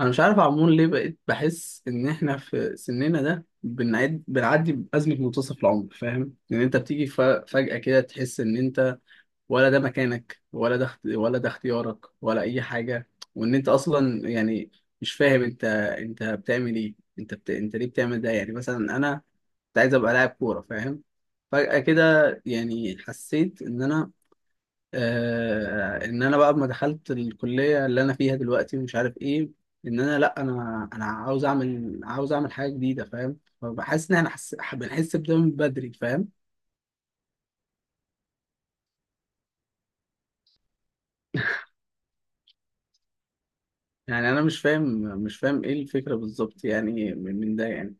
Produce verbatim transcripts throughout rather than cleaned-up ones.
انا مش عارف عمون ليه بقيت بحس ان احنا في سننا ده بنعد بنعدي بازمه منتصف العمر، فاهم؟ ان انت بتيجي ف- فجاه كده تحس ان انت ولا ده مكانك، ولا ده اخت- ولا ده اختيارك ولا اي حاجه، وان انت اصلا يعني مش فاهم انت انت بتعمل ايه؟ انت بت... انت ليه بتعمل ده؟ يعني مثلا انا كنت عايز ابقى لاعب كوره، فاهم؟ فجاه كده يعني حسيت ان انا، آه ان انا بقى لما دخلت الكليه اللي انا فيها دلوقتي ومش عارف ايه، ان انا لا انا انا عاوز اعمل، عاوز اعمل حاجه جديده، فاهم؟ فبحس ان احنا حس... بنحس بده من بدري، فاهم؟ يعني انا مش فاهم. مش فاهم ايه الفكره بالظبط يعني، من من ده يعني.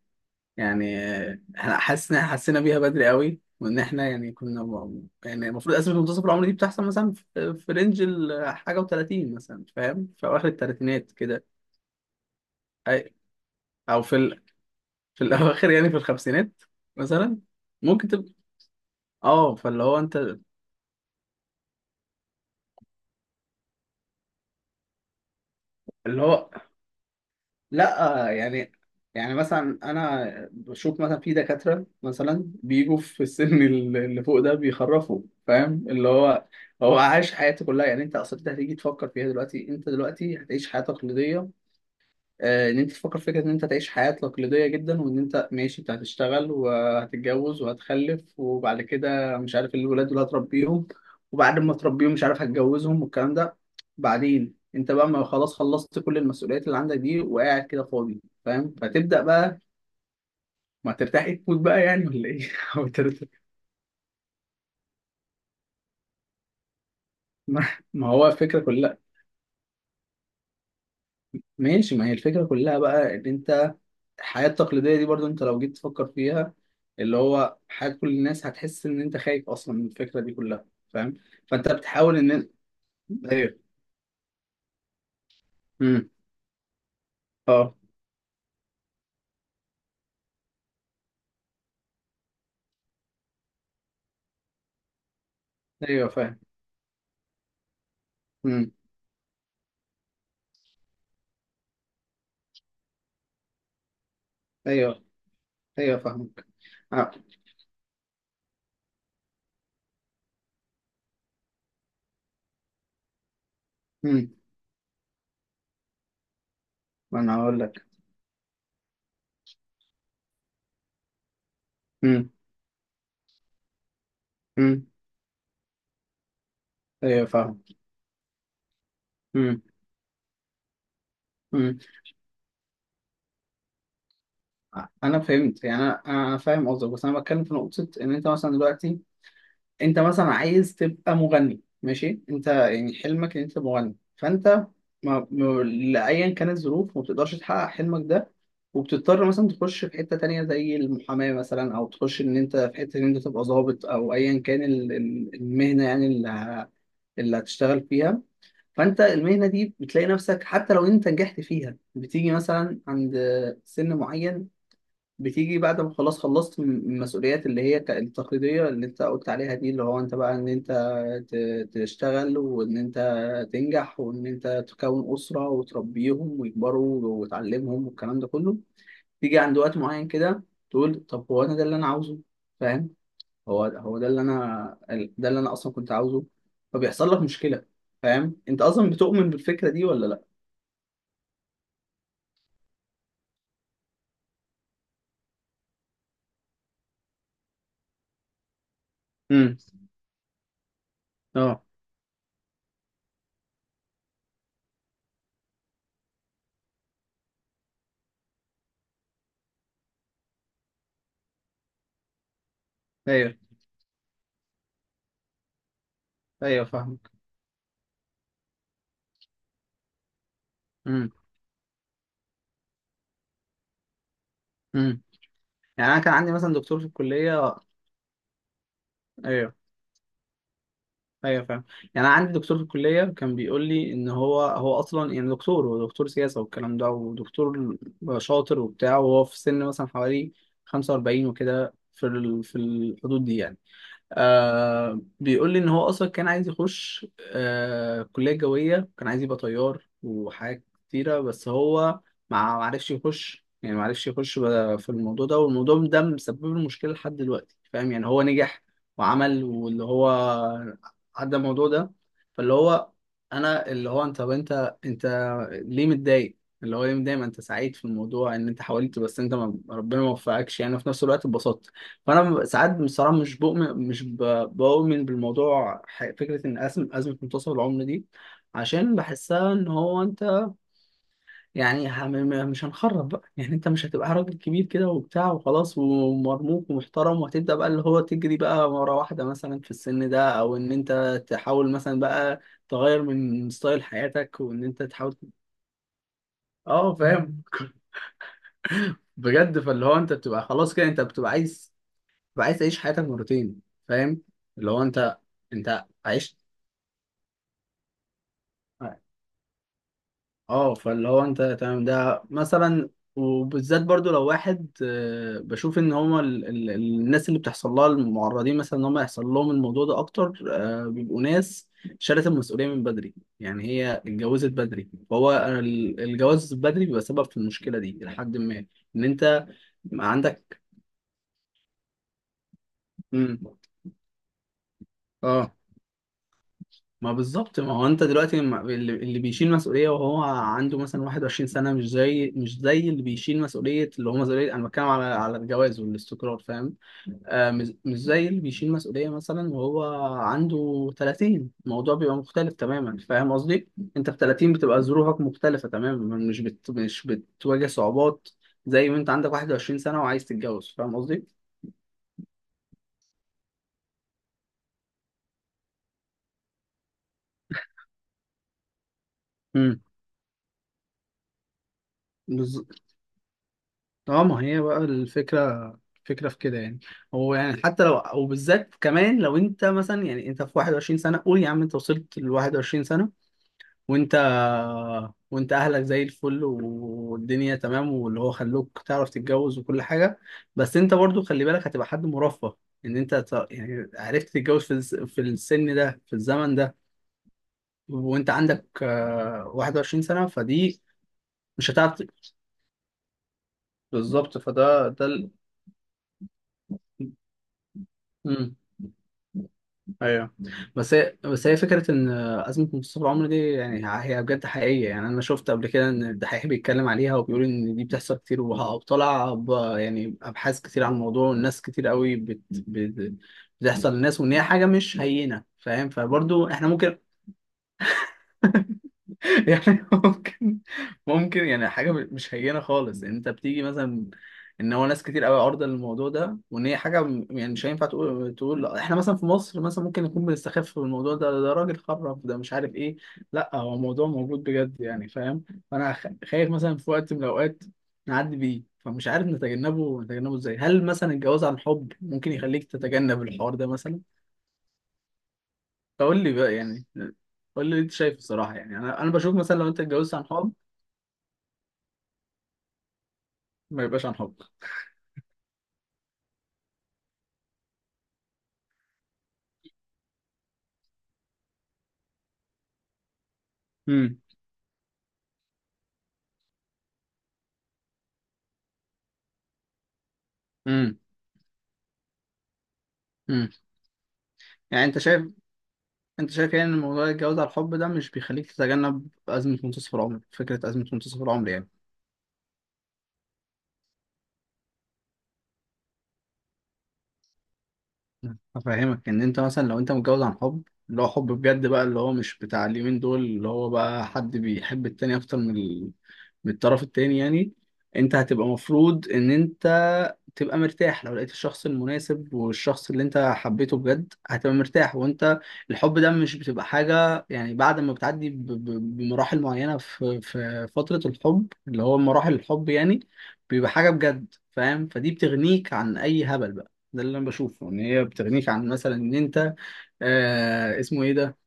يعني آه، احنا حاسس ان احنا حسينا بيها بدري قوي، وان احنا يعني كنا م- يعني المفروض اسباب منتصف العمر دي بتحصل مثلا في في رينج الحاجه و30 مثلا، فاهم؟ في اواخر الثلاثينات كده. أي- او في ال... في الاواخر، يعني في الخمسينات مثلا، ممكن تبقى. اه، فاللي هو انت. اللي هو لا يعني، يعني مثلا انا بشوف مثلا في دكاتره، مثلا بيجوا في السن ال- اللي فوق ده بيخرفوا، فاهم؟ اللي هو هو عايش حياته كلها. يعني انت اصلا، انت هتيجي تفكر فيها دلوقتي، انت دلوقتي هتعيش حياه تقليديه. آه، ان انت تفكر في فكره ان انت تعيش حياه تقليديه جدا، وان انت ماشي، انت هتشتغل وهتتجوز وهتخلف، وبعد كده مش عارف الولاد اللي هتربيهم، وبعد ما تربيهم مش عارف هتجوزهم والكلام ده. بعدين انت بقى ما خلاص خلصت كل المسؤوليات اللي عندك دي، وقاعد كده فاضي، فاهم؟ فتبدا بقى. ما ترتاح إيه، تموت بقى يعني ولا ايه؟ أو ترتاح- ما ما هو الفكره كلها. ماشي، ما هي الفكره كلها بقى، ان انت الحياة التقليدية دي برضو انت لو جيت تفكر فيها، اللي هو حياة كل الناس، هتحس ان انت خايف اصلا من الفكرة دي كلها، فاهم؟ فانت بتحاول ان. ايوه. امم اه. ايوه، فاهم. امم ايوه. ايوه، فاهمك. اه. امم ما انا هقول لك. امم امم ايوه، فاهم. امم امم انا فهمت يعني، انا انا أنا فاهم قصدك، بس انا بتكلم في نقطة ان انت مثلا دلوقتي، انت مثلا عايز تبقى مغني، ماشي، انت يعني حلمك ان انت تبقى مغني، فانت ما... ما... لايا كانت الظروف ما بتقدرش تحقق حلمك ده، وبتضطر مثلا تخش في حته تانية زي المحاماه مثلا، او تخش ان انت في حته ان انت تبقى ضابط، او ايا كان ال... ال- المهنه يعني اللي، ه... اللي هتشتغل فيها. فانت المهنه دي بتلاقي نفسك حتى لو انت نجحت فيها، بتيجي مثلا عند سن معين، بتيجي بعد ما خلاص خلصت من- من المسؤوليات اللي هي ك- التقليدية اللي انت قلت عليها دي، اللي هو انت بقى ان انت ت- تشتغل، وان انت تنجح، وان انت تكون أسرة وتربيهم ويكبروا وتعلمهم والكلام ده كله، تيجي عند وقت معين كده، تقول طب هو انا ده اللي انا عاوزه؟ فاهم؟ هو هو ده اللي انا ال- ده اللي انا اصلا كنت عاوزه. فبيحصل لك مشكلة. فاهم؟ انت اصلا بتؤمن بالفكرة دي ولا لا؟ امم اه. ايوه. ايوه، فاهمك. امم امم يعني انا كان عندي مثلا دكتور في الكليه. ايوه. ايوه، فاهم. يعني انا عندي دكتور في الكليه كان بيقول لي ان هو، هو اصلا يعني دكتور هو دكتور سياسه والكلام ده، ودكتور شاطر وبتاع، وهو في سن مثلا حوالي خمسة واربعين وكده، في ال... في الحدود دي يعني. آه، بيقول لي ان هو اصلا كان عايز يخش، آه كليه جويه، كان عايز يبقى طيار وحاجات كتيره، بس هو ما ما عرفش يخش يعني، ما عرفش يخش بقى في الموضوع ده، والموضوع ده مسبب له مشكله لحد دلوقتي، فاهم؟ يعني هو نجح وعمل، واللي هو عدى الموضوع ده. فاللي هو انا، اللي هو انت، طب انت انت ليه متضايق؟ اللي هو ليه متضايق؟ ما انت سعيد في الموضوع ان انت حاولت، بس انت ما، ربنا ما وفقكش، يعني في نفس الوقت اتبسطت. فانا ساعات بصراحه مش بؤمن، مش ب- بؤمن بالموضوع، ح- فكره ان ازمه ازمه منتصف العمر دي. عشان بحسها ان هو انت يعني، هم- مش هنخرب بقى يعني، انت مش هتبقى راجل كبير كده وبتاع وخلاص ومرموق ومحترم، وهتبدا بقى اللي هو تجري بقى ورا واحده مثلا في السن ده، او ان انت تحاول مثلا بقى تغير من ستايل حياتك، وان انت تحاول. اه، فاهم. بجد. فاللي هو انت بتبقى خلاص كده، انت بتبقى عايز، تبقى عايز تعيش حياتك مرتين، فاهم؟ اللي هو انت، انت عشت. اه، فاللي هو انت تمام ده مثلا، وبالذات برضو لو واحد، آه، بشوف ان هما ال... ال... الناس اللي بتحصل لها المعرضين مثلا ان هما يحصل لهم الموضوع ده اكتر، آه، بيبقوا ناس شالت المسؤولية من بدري. يعني هي اتجوزت بدري، فهو ال- الجواز بدري بيبقى سبب في المشكلة دي لحد ما ان انت عندك. امم اه. ما بالظبط. ما هو انت دلوقتي ما- اللي اللي بيشيل مسؤوليه وهو عنده مثلا واحد وعشرين سنه، مش زي مش زي اللي بيشيل مسؤوليه، اللي هو مسؤوليه، انا بتكلم على على الجواز والاستقرار، فاهم؟ آه، مش مش زي اللي بيشيل مسؤوليه مثلا وهو عنده ثلاثين. الموضوع بيبقى مختلف تماما، فاهم قصدي؟ انت في تلاتين بتبقى ظروفك مختلفه تماما، مش بت مش بتواجه صعوبات زي ما انت عندك واحد وعشرين سنه وعايز تتجوز، فاهم قصدي؟ امم اه. ما هي بقى الفكرة. الفكرة في كده يعني. هو يعني حتى لو، وبالذات كمان لو انت مثلا يعني انت في واحد وعشرين سنة، قول يا عم انت وصلت ل واحد وعشرين سنة، وانت، وانت اهلك زي الفل والدنيا تمام، واللي هو خلوك تعرف تتجوز وكل حاجة، بس انت برضو خلي بالك هتبقى حد مرفه، ان انت ت- يعني عرفت تتجوز في الس- في السن ده في الزمن ده، وانت عندك آه، واحد وعشرون سنة، فدي مش هتعرف ت- بالظبط. فده ده ال... ايوه. بس هي، بس هي فكره ان ازمه منتصف العمر دي يعني هي بجد حقيقيه، يعني انا شفت قبل كده ان الدحيح بيتكلم عليها وبيقول ان دي بتحصل كتير، وه- وطلع ب- يعني ابحاث كتير عن الموضوع، والناس كتير قوي بت... بت... بتحصل للناس، وان هي حاجه مش هينه، فاهم؟ فبرضو احنا ممكن يعني ممكن، ممكن يعني حاجة مش هينة خالص، يعني انت بتيجي مثلا ان هو ناس كتير قوي عارضة للموضوع ده، وان هي حاجة م- يعني مش هينفع تقول تقول احنا مثلا في مصر مثلا ممكن نكون بنستخف في الموضوع ده، ده راجل خرف، ده مش عارف ايه. لا، هو موضوع موجود بجد يعني، فاهم؟ فانا خ- خايف مثلا في وقت من الاوقات نعدي بيه، فمش عارف نتجنبه، نتجنبه ازاي؟ هل مثلا الجواز عن حب ممكن يخليك تتجنب الحوار ده مثلا؟ فقول لي بقى يعني، قول لي إيه انت شايف. الصراحة يعني انا انا بشوف مثلا لو انت اتجوزت عن حب، ما يبقاش عن حب. امم امم امم يعني انت شايف، انت شايف يعني ان موضوع الجواز على الحب ده مش بيخليك تتجنب ازمه منتصف العمر، فكره ازمه منتصف العمر يعني؟ افهمك ان انت مثلا لو انت متجوز عن حب، اللي هو حب بجد بقى، اللي هو مش بتاع اليومين دول، اللي هو بقى حد بيحب التاني اكتر من ال... من الطرف التاني يعني، انت هتبقى مفروض ان انت تبقى مرتاح. لو لقيت الشخص المناسب والشخص اللي انت حبيته بجد هتبقى مرتاح، وانت الحب ده مش بتبقى حاجة، يعني بعد ما بتعدي ب- ب- بمراحل معينة في في فترة الحب، اللي هو مراحل الحب يعني، بيبقى حاجة بجد، فاهم؟ فدي بتغنيك عن اي هبل بقى. ده اللي انا بشوفه، ان هي بتغنيك عن مثلا ان انت، آه اسمه ايه ده،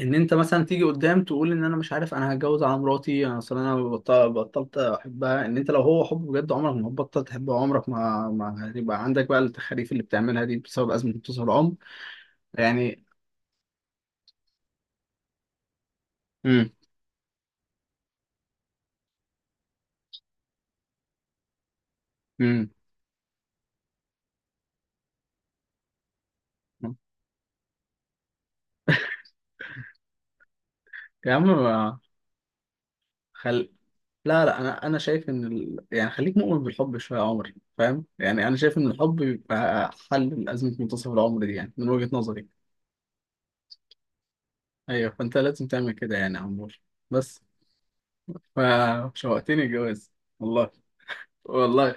ان انت مثلا تيجي قدام تقول ان انا مش عارف، انا هتجوز على مراتي، انا اصل انا بطل- بطلت احبها. ان انت لو هو حب بجد، عمرك ما هتبطل تحبه، عمرك ما ما هيبقى عندك بقى التخاريف اللي بتعملها دي بسبب ازمه امتصاص العمر يعني. امم امم يا عم ما- خل لا لا، انا انا شايف ان ال... يعني خليك مؤمن بالحب شويه يا عمر، فاهم؟ يعني انا شايف ان الحب بيبقى حل لازمه منتصف العمر دي يعني، من وجهه نظري. ايوه، فانت لازم تعمل كده يعني يا عمور. بس فشوقتني الجواز والله. والله،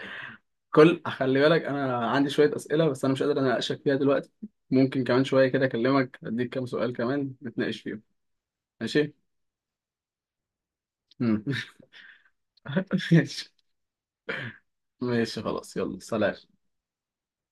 كل، خلي بالك انا عندي شويه اسئله بس انا مش قادر اناقشك فيها دلوقتي. ممكن كمان شويه كده اكلمك اديك كام سؤال كمان نتناقش فيهم. ماشي. مم. ماشي. ماشي خلاص، يلا سلام.